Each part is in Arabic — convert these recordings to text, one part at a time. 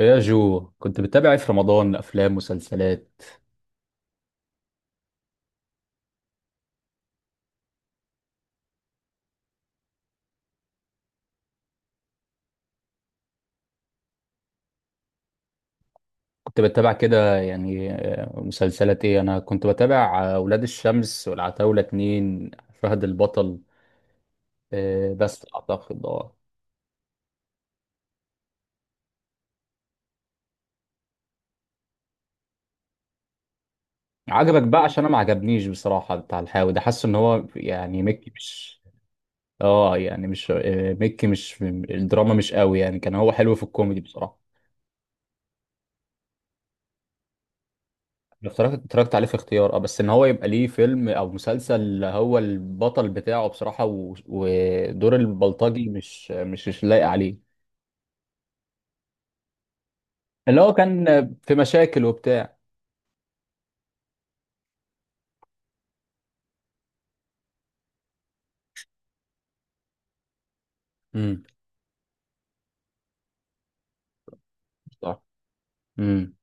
إيه يا جو، كنت بتتابع ايه في رمضان؟ افلام؟ مسلسلات؟ كنت بتابع كده يعني، مسلسلات ايه؟ انا كنت بتابع ولاد الشمس والعتاولة، اتنين. فهد البطل. بس اعتقد عجبك بقى؟ عشان انا ما عجبنيش بصراحة بتاع الحاوي ده. حاسه ان هو يعني مكي مش. اه يعني مش، مكي مش الدراما، مش قوي يعني، كان هو حلو في الكوميدي بصراحة. اتفرجت عليه في اختيار، بس ان هو يبقى ليه فيلم او مسلسل هو البطل بتاعه بصراحة، ودور البلطجي مش لايق عليه. اللي هو كان في مشاكل وبتاع. امم. صح. امم.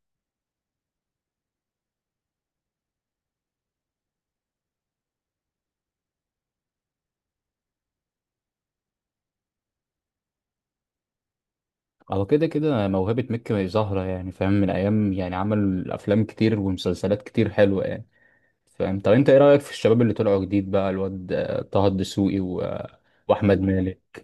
هو كده كده موهبة مكي ظاهرة يعني، فاهم، من ايام، يعني عمل افلام كتير ومسلسلات كتير حلوة يعني، فاهم. طب انت ايه رأيك في الشباب اللي طلعوا جديد بقى؟ الواد طه الدسوقي و... آه، واحمد مالك.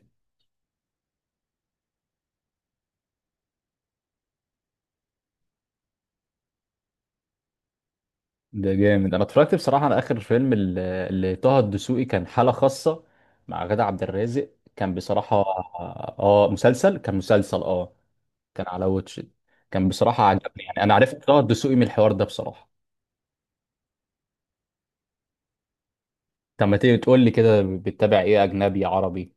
ده جامد. انا اتفرجت بصراحه على اخر فيلم اللي طه الدسوقي كان حاله خاصه، مع غادة عبد الرازق. كان بصراحه. اه مسلسل، كان مسلسل، اه. كان على واتش إت. كان بصراحه عجبني يعني، انا عرفت طه الدسوقي من الحوار ده بصراحه. طب ما تيجي تقول لي كده، بتتابع ايه؟ اجنبي؟ عربي؟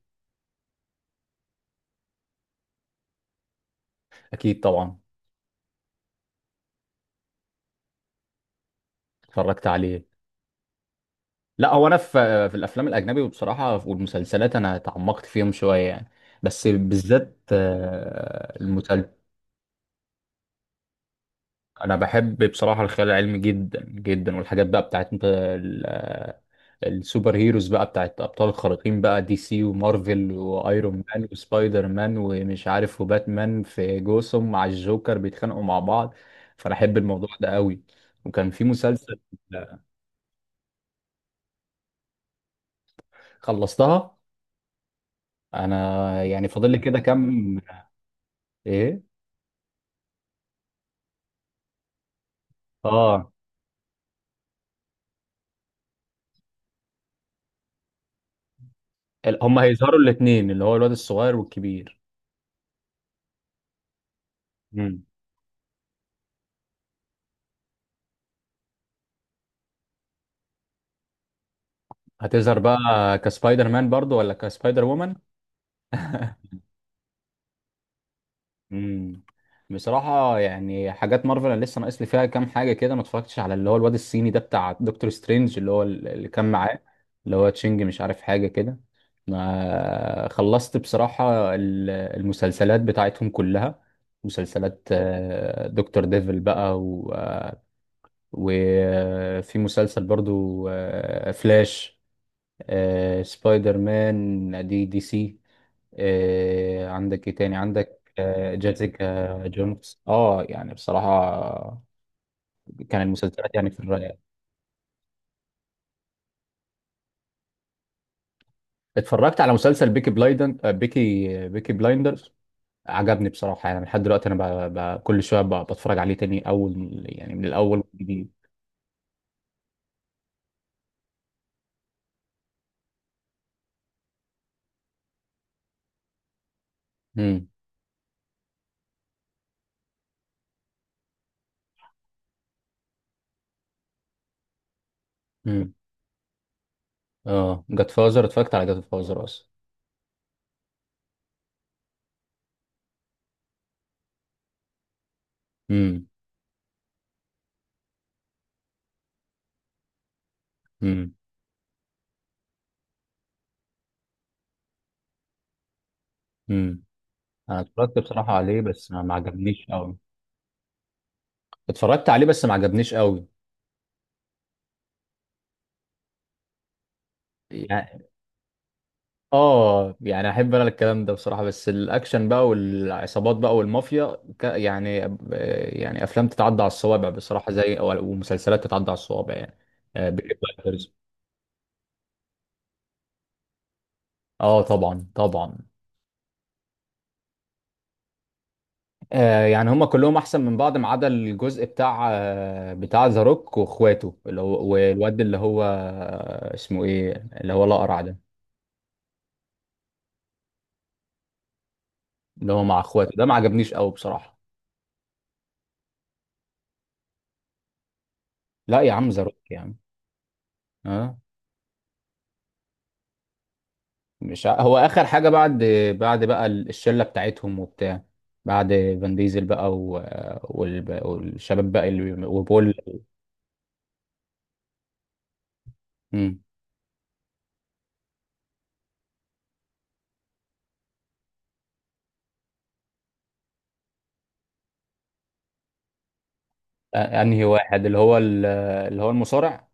اكيد طبعا. اتفرجت عليه. لا، هو انا في الافلام الاجنبي وبصراحه والمسلسلات، انا تعمقت فيهم شويه يعني. بس بالذات المسلسل. انا بحب بصراحه الخيال العلمي جدا جدا، والحاجات بقى بتاعت انت السوبر هيروز بقى، بتاعت ابطال الخارقين بقى، دي سي ومارفل وايرون مان وسبايدر مان ومش عارف، وباتمان في جوثام مع الجوكر بيتخانقوا مع بعض. فانا احب الموضوع ده قوي. وكان في مسلسل. خلصتها. انا يعني فاضل لي كده كام. ايه؟ اه، هما هيظهروا الاثنين، اللي هو الواد الصغير والكبير. مم. هتظهر بقى كسبايدر مان برضو ولا كسبايدر وومن؟ امم. بصراحة يعني حاجات مارفل انا لسه ناقص لي فيها كام حاجة كده. ما اتفرجتش على اللي هو الواد الصيني ده بتاع دكتور سترينج، اللي هو اللي كان معاه، اللي هو تشينج، مش عارف حاجة كده. ما خلصت بصراحة المسلسلات بتاعتهم كلها. مسلسلات دكتور ديفل بقى، وفي مسلسل برضو فلاش، سبايدر مان، دي، دي سي، عندك ايه تاني؟ عندك جيسيكا جونز. اه يعني بصراحة كان المسلسلات يعني في الرأي. اتفرجت على مسلسل بيكي بلايدن آه، بيكي بيكي بلايندرز. عجبني بصراحة يعني، لحد دلوقتي انا كل شوية بتفرج عليه تاني اول، يعني من الاول والجديد. امم. امم. اه، جاد فازر. اتفرجت على جاد فازر اصلا. امم. امم. امم. انا اتفرجت بصراحة عليه بس ما عجبنيش قوي. اتفرجت عليه بس ما عجبنيش قوي. اه يعني احب انا الكلام ده بصراحه، بس الاكشن بقى والعصابات بقى والمافيا يعني، يعني افلام تتعدى على الصوابع بصراحه، زي ومسلسلات تتعدى على الصوابع، يعني بيكي بلايندرز. اه طبعا طبعا. آه يعني هما كلهم احسن من بعض، ما عدا الجزء بتاع بتاع ذا روك واخواته، اللي هو والواد اللي هو اسمه ايه، اللي هو الاقرع ده، اللي هو مع اخواته ده، ما عجبنيش قوي بصراحه. لا يا عم، ذا روك يا عم، اه. مش ع... هو اخر حاجه بعد، بعد بقى الشله بتاعتهم وبتاع، بعد فان ديزل بقى والشباب بقى، اللي وبول. مم. انهي واحد؟ اللي هو ال، اللي هو المصارع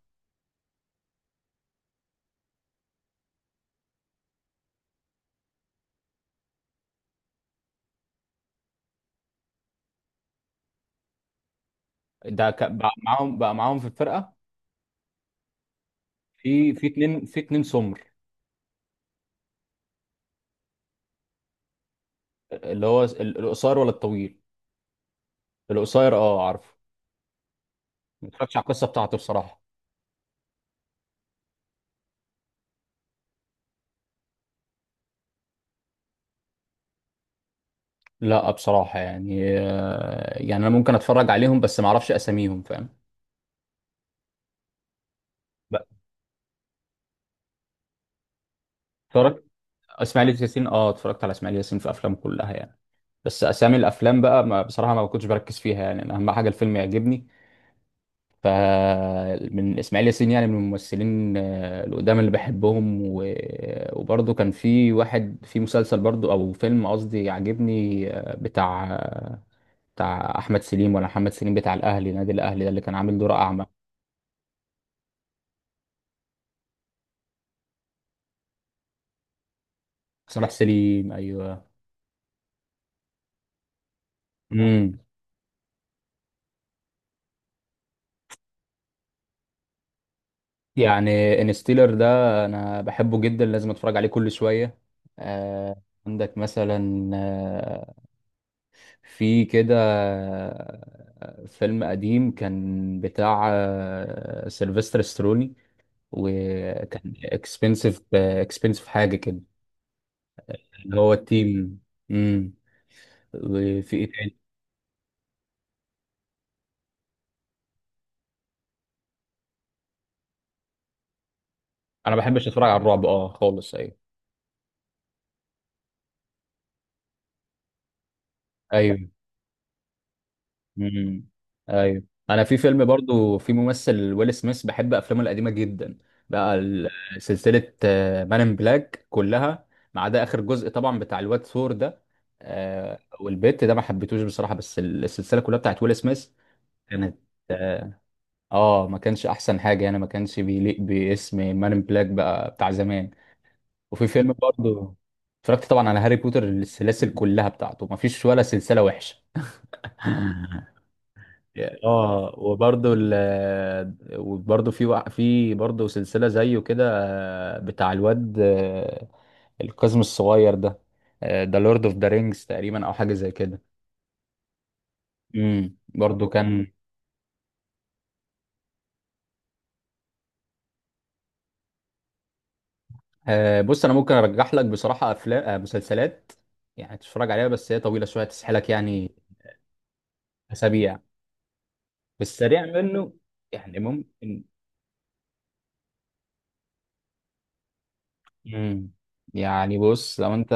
ده بقى معاهم في الفرقه. في اتنين سمر. اللي هو القصير ولا الطويل؟ القصير، اه، عارفه. ما اتفرجتش على القصه بتاعته بصراحه. لا بصراحه يعني، يعني انا ممكن اتفرج عليهم بس ما اعرفش اساميهم، فاهم. اتفرجت. اسماعيل ياسين، اه، اتفرجت على اسماعيل ياسين في افلامه كلها يعني. بس اسامي الافلام بقى، ما بصراحه ما كنتش بركز فيها يعني، أنا اهم حاجه الفيلم يعجبني. ف، من اسماعيل ياسين يعني، من الممثلين القدام اللي بحبهم. و... وبرضه كان في واحد في مسلسل برضه او فيلم قصدي، عاجبني بتاع بتاع احمد سليم ولا محمد سليم، بتاع الاهلي، نادي الاهلي ده، اللي كان عامل دور اعمى. صلاح سليم، ايوه. امم. يعني انستيلر ده انا بحبه جدا، لازم اتفرج عليه كل شويه. آه. عندك مثلا آه، في كده فيلم قديم كان بتاع آه سيلفستر ستروني، وكان اكسبنسيف حاجه كده. اللي هو التيم. امم. وفي ايه تاني؟ انا ما بحبش اتفرج على الرعب، اه، خالص. ايوه. ايوه. امم. ايوه. انا في فيلم برضو، في ممثل ويل سميث، بحب افلامه القديمه جدا، بقى سلسله مان ان بلاك كلها، ما عدا اخر جزء طبعا بتاع الواد ثور ده والبت ده، ما حبيتوش بصراحه، بس السلسله كلها بتاعت ويل سميث كانت اه. ما كانش احسن حاجه يعني، ما كانش بيليق باسم مان ان بلاك بقى بتاع زمان. وفي فيلم برضو. اتفرجت طبعا على هاري بوتر، السلاسل كلها بتاعته، ما فيش ولا سلسله وحشه. اه. وبرضه في برضه سلسلة زيه كده بتاع الواد القزم الصغير ده، ذا لورد اوف ذا رينجز تقريبا او حاجة زي كده. برضه كان. بص انا ممكن ارجح لك بصراحة افلام، مسلسلات يعني تتفرج عليها، بس هي طويلة شوية، تسحلك يعني. اسابيع. بس سريع منه. يعني ممكن. امم. يعني بص، لو انت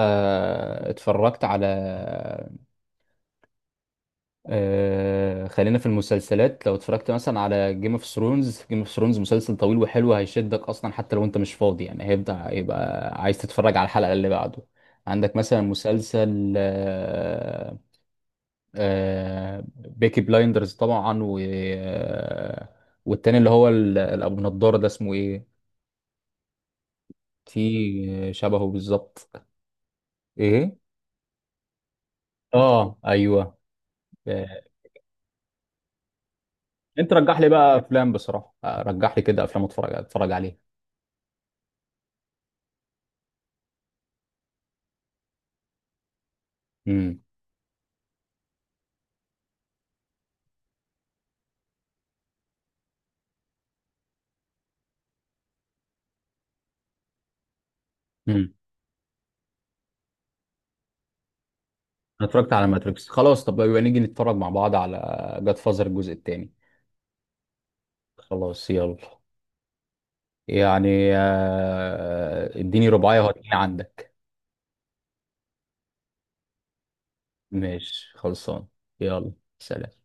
اتفرجت على، آه خلينا في المسلسلات، لو اتفرجت مثلا على جيم اوف ثرونز، جيم اوف ثرونز مسلسل طويل وحلو، هيشدك اصلا حتى لو انت مش فاضي يعني، هيبدأ يبقى عايز تتفرج على الحلقة اللي بعده. عندك مثلا مسلسل آه، آه بيكي بلايندرز طبعا، و والتاني اللي هو الابو نضارة ده اسمه ايه، في شبهه بالظبط. ايه. اه ايوه. آه، انت رجح لي بقى افلام بصراحة، رجح لي كده افلام، اتفرج عليها. امم. انا اتفرجت على ماتريكس خلاص، طب يبقى نيجي نتفرج مع بعض على جاد فازر الجزء الثاني. خلاص يلا. يعني اديني رباعية وهتلاقيني عندك. ماشي خلصان. يلا. سلام.